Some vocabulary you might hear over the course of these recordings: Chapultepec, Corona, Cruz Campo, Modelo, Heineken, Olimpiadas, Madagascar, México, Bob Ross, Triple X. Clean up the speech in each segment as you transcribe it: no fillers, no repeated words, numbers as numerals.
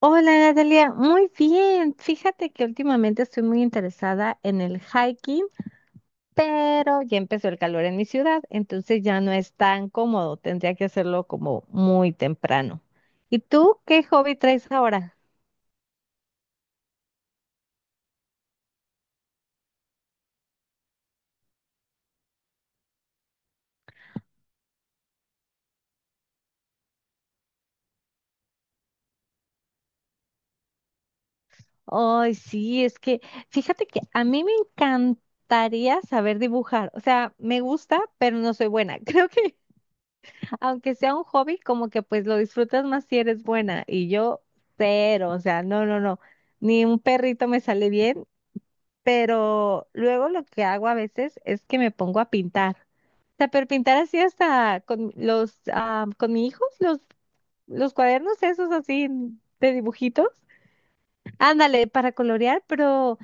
Hola Natalia, muy bien. Fíjate que últimamente estoy muy interesada en el hiking, pero ya empezó el calor en mi ciudad, entonces ya no es tan cómodo. Tendría que hacerlo como muy temprano. ¿Y tú qué hobby traes ahora? Ay, sí, es que fíjate que a mí me encantaría saber dibujar. O sea, me gusta, pero no soy buena. Creo que aunque sea un hobby, como que pues lo disfrutas más si eres buena. Y yo, cero, o sea, no, no, no, ni un perrito me sale bien, pero luego lo que hago a veces es que me pongo a pintar. O sea, pero pintar así hasta con los, con mi hijo, los cuadernos esos así de dibujitos. Ándale, para colorear, pero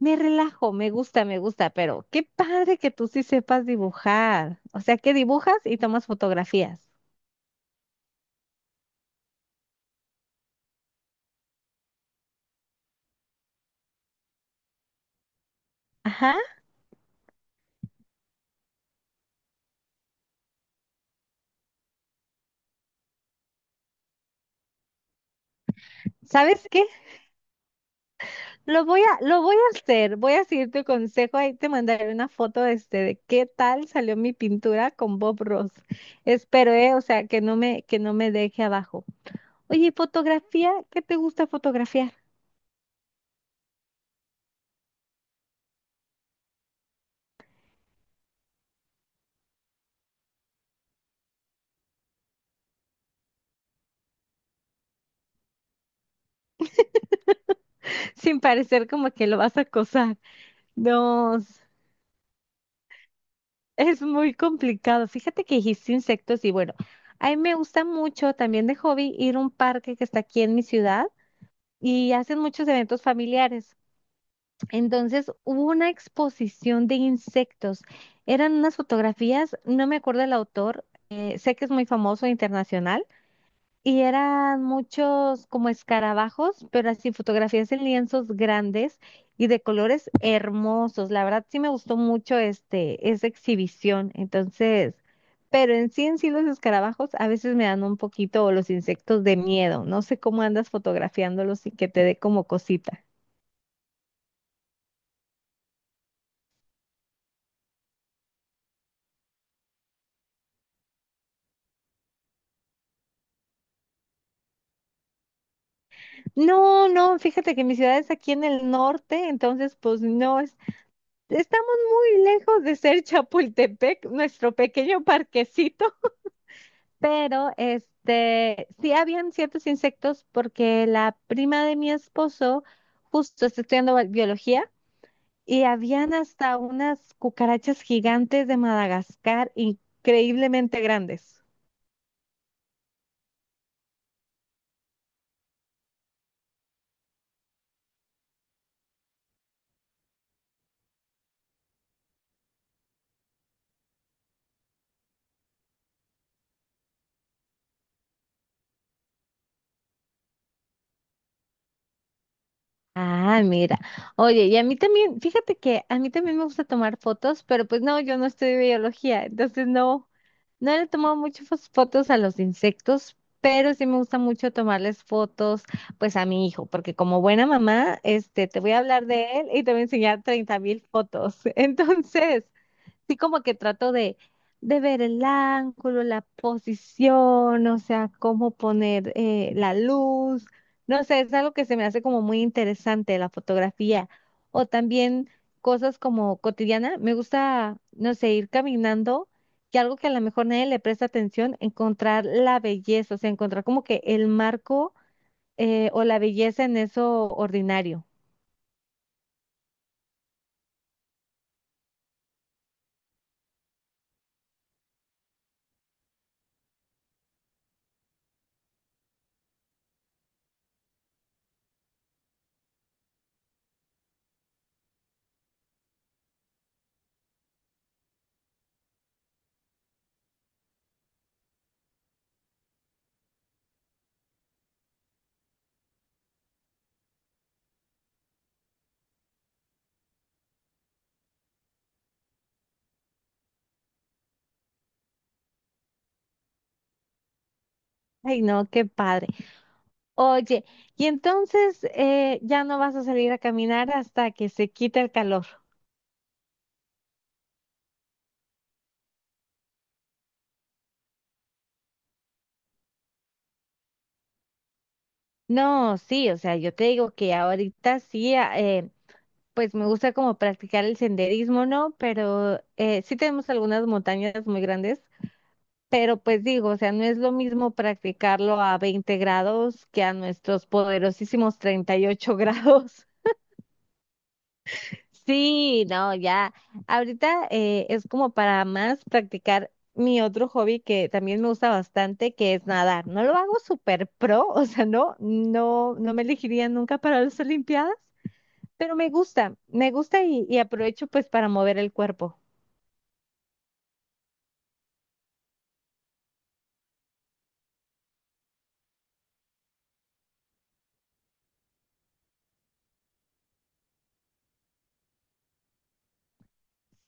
me relajo, me gusta, pero qué padre que tú sí sepas dibujar. O sea, que dibujas y tomas fotografías. Ajá. ¿Sabes qué? Lo voy a hacer, voy a seguir tu consejo, ahí te mandaré una foto de, este, de qué tal salió mi pintura con Bob Ross. Espero, o sea, que no me deje abajo. Oye, fotografía, ¿qué te gusta fotografiar? Sin parecer como que lo vas a acosar. No, es muy complicado. Fíjate que dijiste insectos y bueno, a mí me gusta mucho también de hobby ir a un parque que está aquí en mi ciudad y hacen muchos eventos familiares. Entonces hubo una exposición de insectos. Eran unas fotografías, no me acuerdo del autor, sé que es muy famoso internacional, y eran muchos como escarabajos, pero así fotografías en lienzos grandes y de colores hermosos. La verdad sí me gustó mucho esa exhibición. Entonces, pero en sí los escarabajos a veces me dan un poquito, o los insectos de miedo. No sé cómo andas fotografiándolos y que te dé como cosita. No, no, fíjate que mi ciudad es aquí en el norte, entonces pues no es, estamos muy lejos de ser Chapultepec, nuestro pequeño parquecito, pero este, sí habían ciertos insectos porque la prima de mi esposo justo está estudiando biología y habían hasta unas cucarachas gigantes de Madagascar increíblemente grandes. Ah, mira. Oye, y a mí también, fíjate que a mí también me gusta tomar fotos, pero pues no, yo no estudio biología, entonces no, no le he tomado muchas fotos a los insectos, pero sí me gusta mucho tomarles fotos, pues a mi hijo, porque como buena mamá, este, te voy a hablar de él y te voy a enseñar 30,000 fotos. Entonces, sí, como que trato de ver el ángulo, la posición, o sea, cómo poner la luz. No sé, es algo que se me hace como muy interesante la fotografía. O también cosas como cotidiana. Me gusta, no sé, ir caminando y algo que a lo mejor nadie le presta atención, encontrar la belleza, o sea, encontrar como que el marco o la belleza en eso ordinario. Ay, no, qué padre. Oye, y entonces ya no vas a salir a caminar hasta que se quite el calor. No, sí, o sea, yo te digo que ahorita sí, pues me gusta como practicar el senderismo, ¿no? Pero sí tenemos algunas montañas muy grandes, pero pues digo, o sea, no es lo mismo practicarlo a 20 grados que a nuestros poderosísimos 38 grados. Sí, no, ya. Ahorita es como para más practicar mi otro hobby que también me gusta bastante, que es nadar. No lo hago súper pro, o sea, no, no, no me elegiría nunca para las Olimpiadas, pero me gusta y aprovecho pues para mover el cuerpo.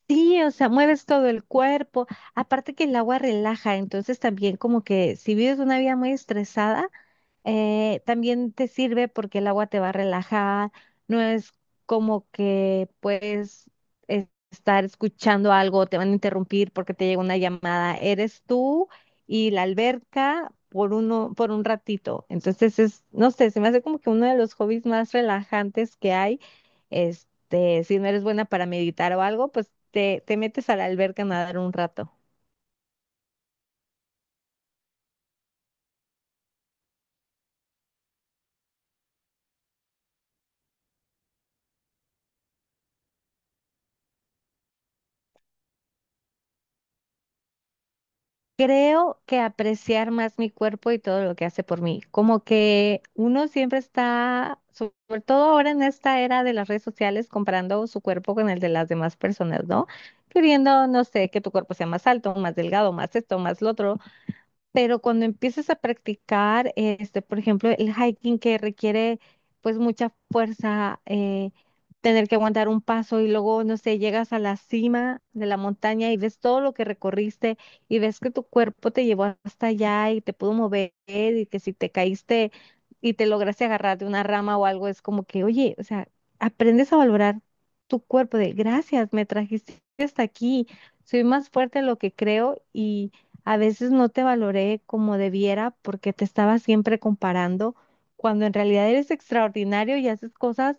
Sí, o sea, mueves todo el cuerpo. Aparte que el agua relaja, entonces también como que si vives una vida muy estresada, también te sirve porque el agua te va a relajar, no es como que puedes estar escuchando algo, te van a interrumpir porque te llega una llamada, eres tú y la alberca por uno, por un ratito. Entonces es, no sé, se me hace como que uno de los hobbies más relajantes que hay. Este, si no eres buena para meditar o algo, pues te metes a la alberca a nadar un rato. Creo que apreciar más mi cuerpo y todo lo que hace por mí. Como que uno siempre está, sobre todo ahora en esta era de las redes sociales, comparando su cuerpo con el de las demás personas, ¿no? Queriendo, no sé, que tu cuerpo sea más alto, más delgado, más esto, más lo otro. Pero cuando empiezas a practicar, este, por ejemplo, el hiking que requiere pues mucha fuerza, tener que aguantar un paso y luego, no sé, llegas a la cima de la montaña y ves todo lo que recorriste y ves que tu cuerpo te llevó hasta allá y te pudo mover y que si te caíste y te lograste agarrar de una rama o algo, es como que, oye, o sea, aprendes a valorar tu cuerpo de gracias, me trajiste hasta aquí, soy más fuerte de lo que creo y... A veces no te valoré como debiera porque te estaba siempre comparando, cuando en realidad eres extraordinario y haces cosas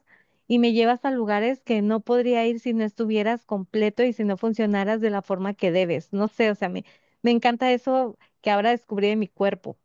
y me llevas a lugares que no podría ir si no estuvieras completo y si no funcionaras de la forma que debes. No sé, o sea, me encanta eso que ahora descubrí de mi cuerpo.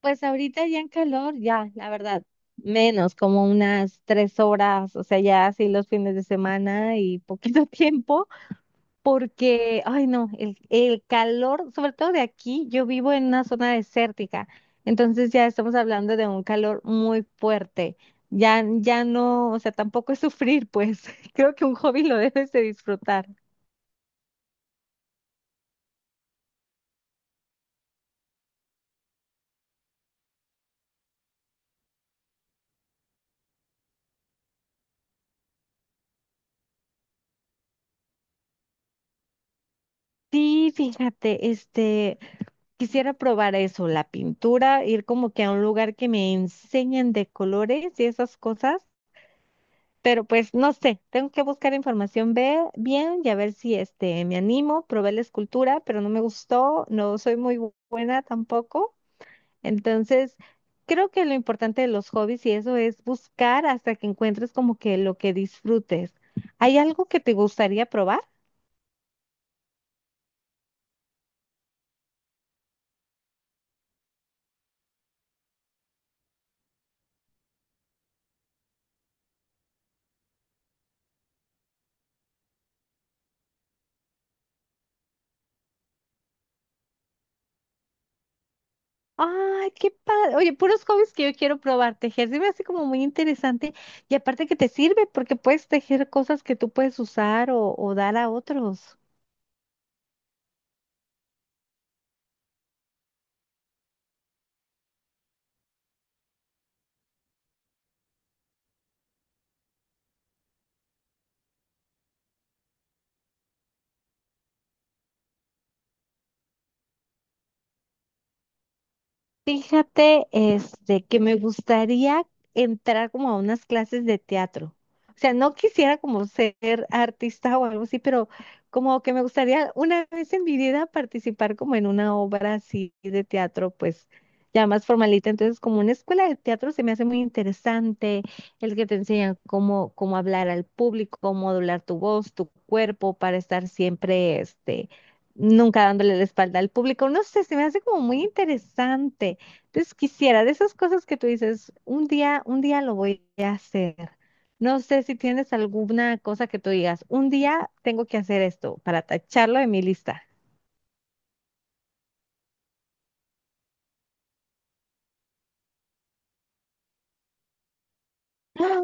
Pues ahorita ya en calor, ya, la verdad, menos, como unas 3 horas, o sea, ya así los fines de semana y poquito tiempo. Porque, ay no, el calor, sobre todo de aquí, yo vivo en una zona desértica, entonces ya estamos hablando de un calor muy fuerte. Ya, ya no, o sea, tampoco es sufrir, pues creo que un hobby lo debes de disfrutar. Sí, fíjate, este, quisiera probar eso, la pintura, ir como que a un lugar que me enseñen de colores y esas cosas, pero pues no sé, tengo que buscar información bien y a ver si este me animo, probé la escultura, pero no me gustó, no soy muy buena tampoco. Entonces, creo que lo importante de los hobbies y eso es buscar hasta que encuentres como que lo que disfrutes. ¿Hay algo que te gustaría probar? Ay, qué padre. Oye, puros hobbies que yo quiero probar. Tejer se me hace como muy interesante y aparte que te sirve porque puedes tejer cosas que tú puedes usar o dar a otros. Fíjate, este, que me gustaría entrar como a unas clases de teatro. O sea, no quisiera como ser artista o algo así, pero como que me gustaría una vez en mi vida participar como en una obra así de teatro, pues ya más formalita. Entonces, como una escuela de teatro se me hace muy interesante, el que te enseñan cómo, cómo hablar al público, cómo modular tu voz, tu cuerpo, para estar siempre, este, nunca dándole la espalda al público. No sé, se me hace como muy interesante. Entonces quisiera, de esas cosas que tú dices, un día lo voy a hacer. No sé si tienes alguna cosa que tú digas, un día tengo que hacer esto para tacharlo en mi lista. ¡Ah!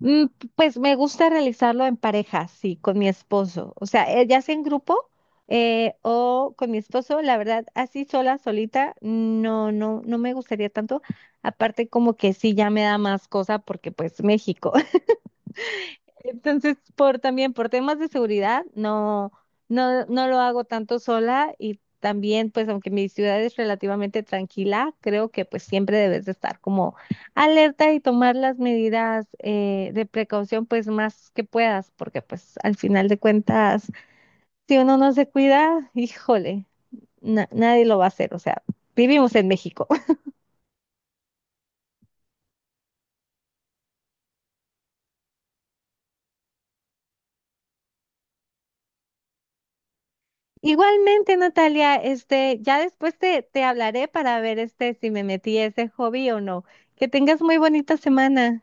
Mm, pues me gusta realizarlo en pareja, sí, con mi esposo. O sea, ya sea en grupo o con mi esposo, la verdad, así sola, solita, no, no, no me gustaría tanto. Aparte, como que sí, ya me da más cosa porque pues México. Entonces, por también por temas de seguridad, no, no, no lo hago tanto sola y también, pues, aunque mi ciudad es relativamente tranquila, creo que pues siempre debes de estar como alerta y tomar las medidas de precaución, pues, más que puedas, porque pues al final de cuentas, si uno no se cuida, híjole, nadie lo va a hacer. O sea, vivimos en México. Igualmente, Natalia, este, ya después te hablaré para ver este si me metí a ese hobby o no. Que tengas muy bonita semana.